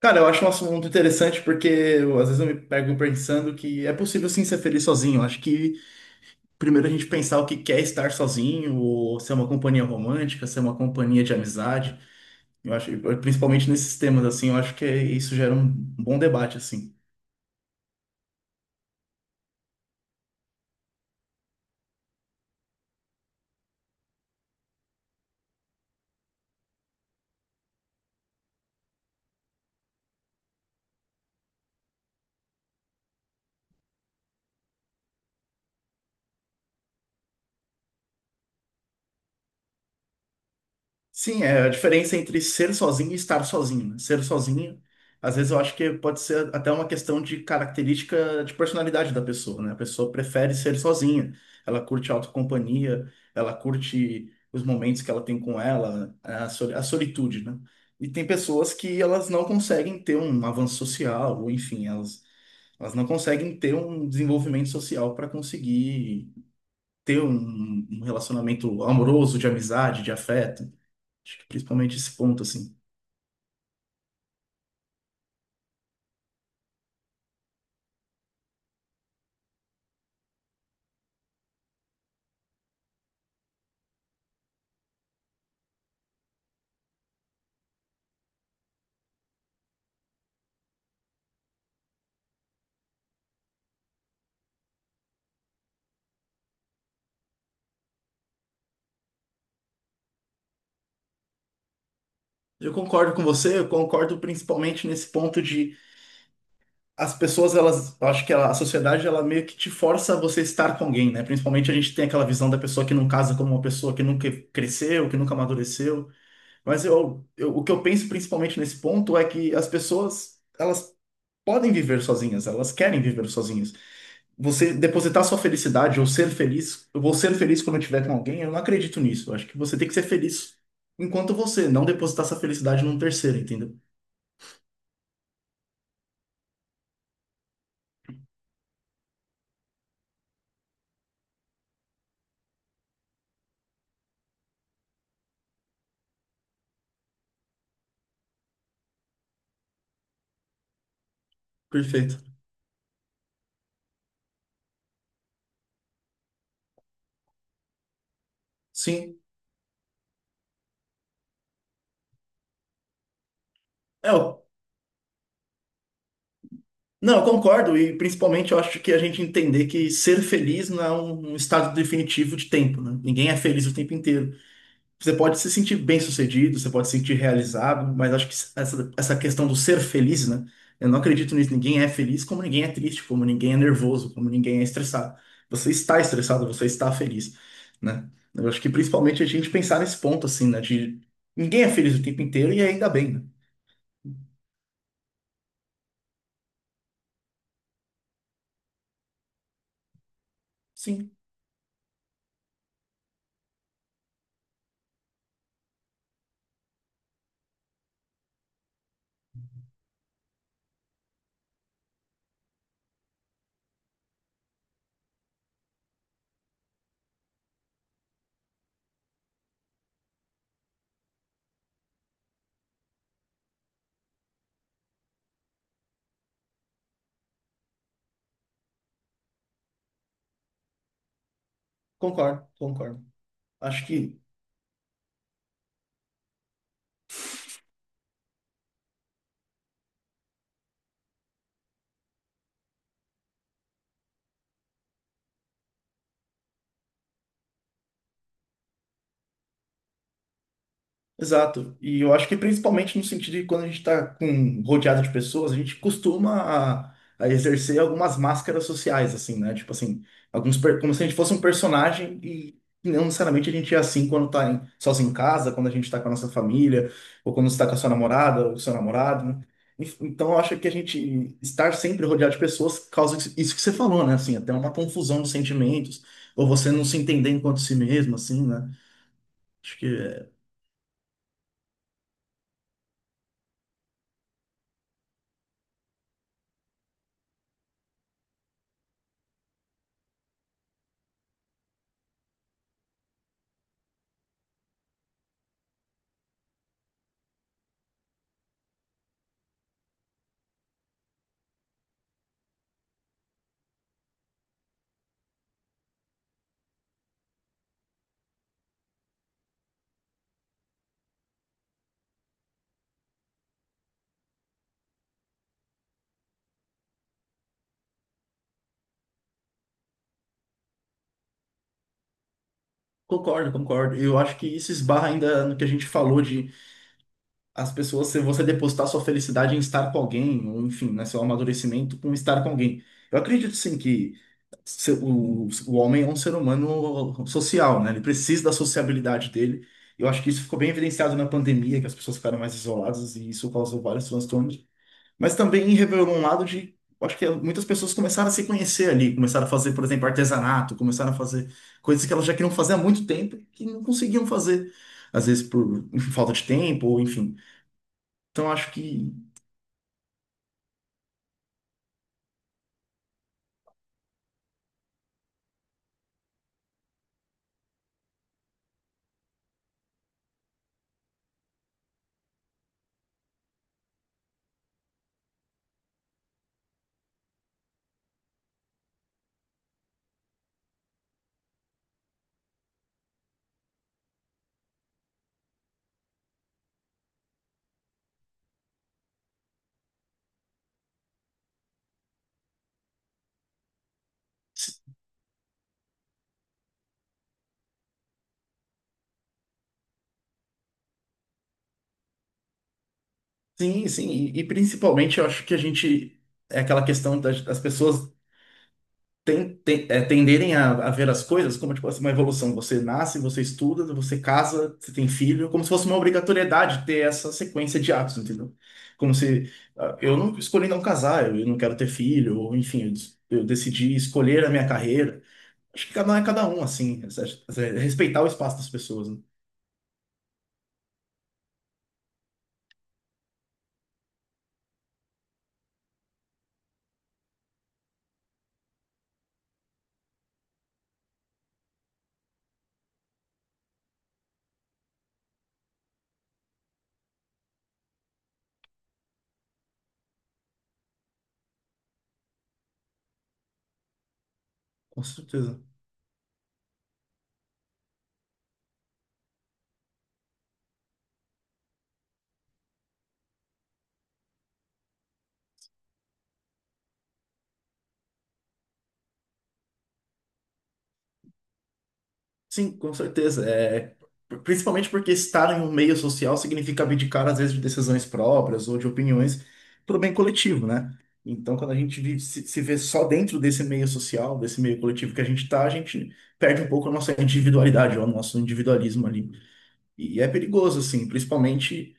Cara, eu acho um assunto interessante porque eu, às vezes eu me pego pensando que é possível sim ser feliz sozinho. Eu acho que primeiro a gente pensar o que quer estar sozinho, ou ser uma companhia romântica, ser uma companhia de amizade. Eu acho, principalmente nesses temas assim, eu acho que isso gera um bom debate assim. Sim, é a diferença entre ser sozinho e estar sozinho. Né? Ser sozinho, às vezes eu acho que pode ser até uma questão de característica de personalidade da pessoa, né? A pessoa prefere ser sozinha, ela curte a autocompanhia, ela curte os momentos que ela tem com ela, a solitude, né? E tem pessoas que elas não conseguem ter um avanço social, ou enfim, elas não conseguem ter um desenvolvimento social para conseguir ter um relacionamento amoroso, de amizade, de afeto. Acho que principalmente esse ponto, assim. Eu concordo com você, eu concordo principalmente nesse ponto de as pessoas, elas, eu acho que a sociedade, ela meio que te força a você estar com alguém, né? Principalmente a gente tem aquela visão da pessoa que não casa como uma pessoa que nunca cresceu, que nunca amadureceu. Mas o que eu penso principalmente nesse ponto é que as pessoas, elas podem viver sozinhas, elas querem viver sozinhas. Você depositar sua felicidade ou ser feliz, eu vou ser feliz quando eu estiver com alguém, eu não acredito nisso. Eu acho que você tem que ser feliz enquanto você, não depositar essa felicidade num terceiro, entendeu? Perfeito. Sim. É, eu, não, eu concordo, e principalmente eu acho que a gente entender que ser feliz não é um estado definitivo de tempo, né? Ninguém é feliz o tempo inteiro. Você pode se sentir bem-sucedido, você pode se sentir realizado, mas acho que essa questão do ser feliz, né? Eu não acredito nisso. Ninguém é feliz como ninguém é triste, como ninguém é nervoso, como ninguém é estressado. Você está estressado, você está feliz, né? Eu acho que principalmente a gente pensar nesse ponto, assim, né? De ninguém é feliz o tempo inteiro e ainda bem, né? Sim, concordo, concordo. Acho que exato. E eu acho que principalmente no sentido de quando a gente está com rodeado de pessoas, a gente costuma a exercer algumas máscaras sociais, assim, né? Tipo assim, como se a gente fosse um personagem e não necessariamente a gente é assim quando sozinho em casa, quando a gente está com a nossa família, ou quando está com a sua namorada ou seu namorado, né? Então eu acho que a gente estar sempre rodeado de pessoas causa isso que você falou, né? Assim, até uma confusão de sentimentos, ou você não se entender enquanto si mesmo, assim, né? Concordo, concordo. Eu acho que isso esbarra ainda no que a gente falou de as pessoas, se você depositar sua felicidade em estar com alguém, ou enfim, né, seu amadurecimento com estar com alguém. Eu acredito sim que o homem é um ser humano social, né? Ele precisa da sociabilidade dele. Eu acho que isso ficou bem evidenciado na pandemia, que as pessoas ficaram mais isoladas e isso causou vários transtornos. Mas também revelou um lado de. Acho que muitas pessoas começaram a se conhecer ali, começaram a fazer, por exemplo, artesanato, começaram a fazer coisas que elas já queriam fazer há muito tempo e que não conseguiam fazer, às vezes por enfim, falta de tempo, ou enfim. Então acho que sim, sim, e principalmente eu acho que a gente é aquela questão das, das pessoas tenderem a ver as coisas como tipo assim, uma evolução. Você nasce, você estuda, você casa, você tem filho, como se fosse uma obrigatoriedade ter essa sequência de atos, entendeu? Como se ah, eu não escolhi não casar, eu, não quero ter filho, ou enfim, eu, eu decidi escolher a minha carreira. Acho que cada um é cada um, assim, respeitar o espaço das pessoas, né? Com certeza. Sim, com certeza. É, principalmente porque estar em um meio social significa abdicar, às vezes, de decisões próprias ou de opiniões para o bem coletivo, né? Então, quando a gente se, se vê só dentro desse meio social, desse meio coletivo que a gente está, a gente perde um pouco a nossa individualidade, ou o nosso individualismo ali. E é perigoso, assim, principalmente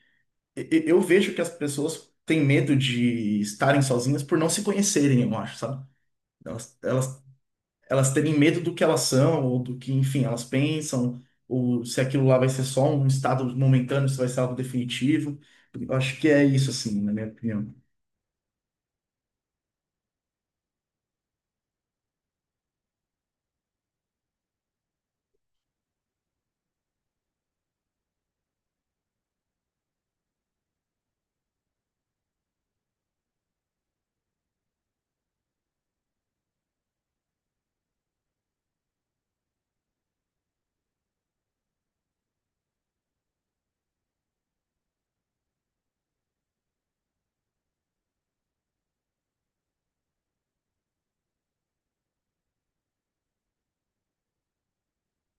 eu vejo que as pessoas têm medo de estarem sozinhas por não se conhecerem, eu acho, sabe? Elas, elas elas terem medo do que elas são, ou do que, enfim, elas pensam, ou se aquilo lá vai ser só um estado momentâneo, se vai ser algo definitivo. Eu acho que é isso, assim, na minha opinião.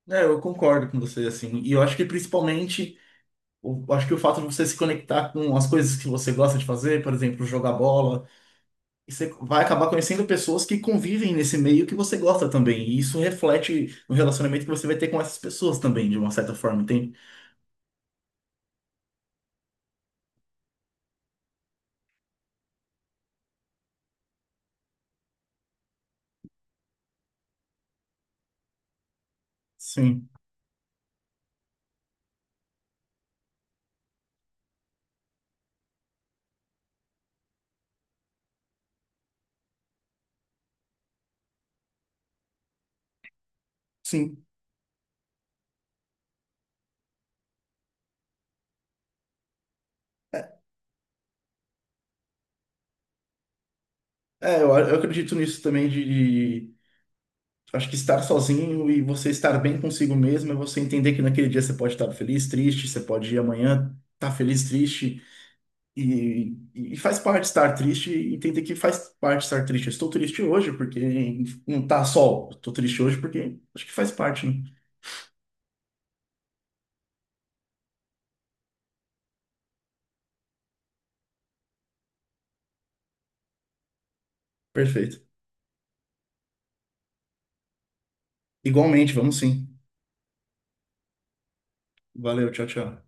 É, eu concordo com você, assim, e eu acho que principalmente, eu acho que o fato de você se conectar com as coisas que você gosta de fazer, por exemplo, jogar bola, e você vai acabar conhecendo pessoas que convivem nesse meio que você gosta também, e isso reflete no relacionamento que você vai ter com essas pessoas também, de uma certa forma, entende? Sim, sim. É, eu acredito nisso também acho que estar sozinho e você estar bem consigo mesmo é você entender que naquele dia você pode estar feliz, triste, você pode ir amanhã estar feliz, triste e, e faz parte estar triste e entender que faz parte estar triste. Eu estou triste hoje porque não tá sol, estou triste hoje porque acho que faz parte, né? Perfeito. Igualmente, vamos sim. Valeu, tchau, tchau.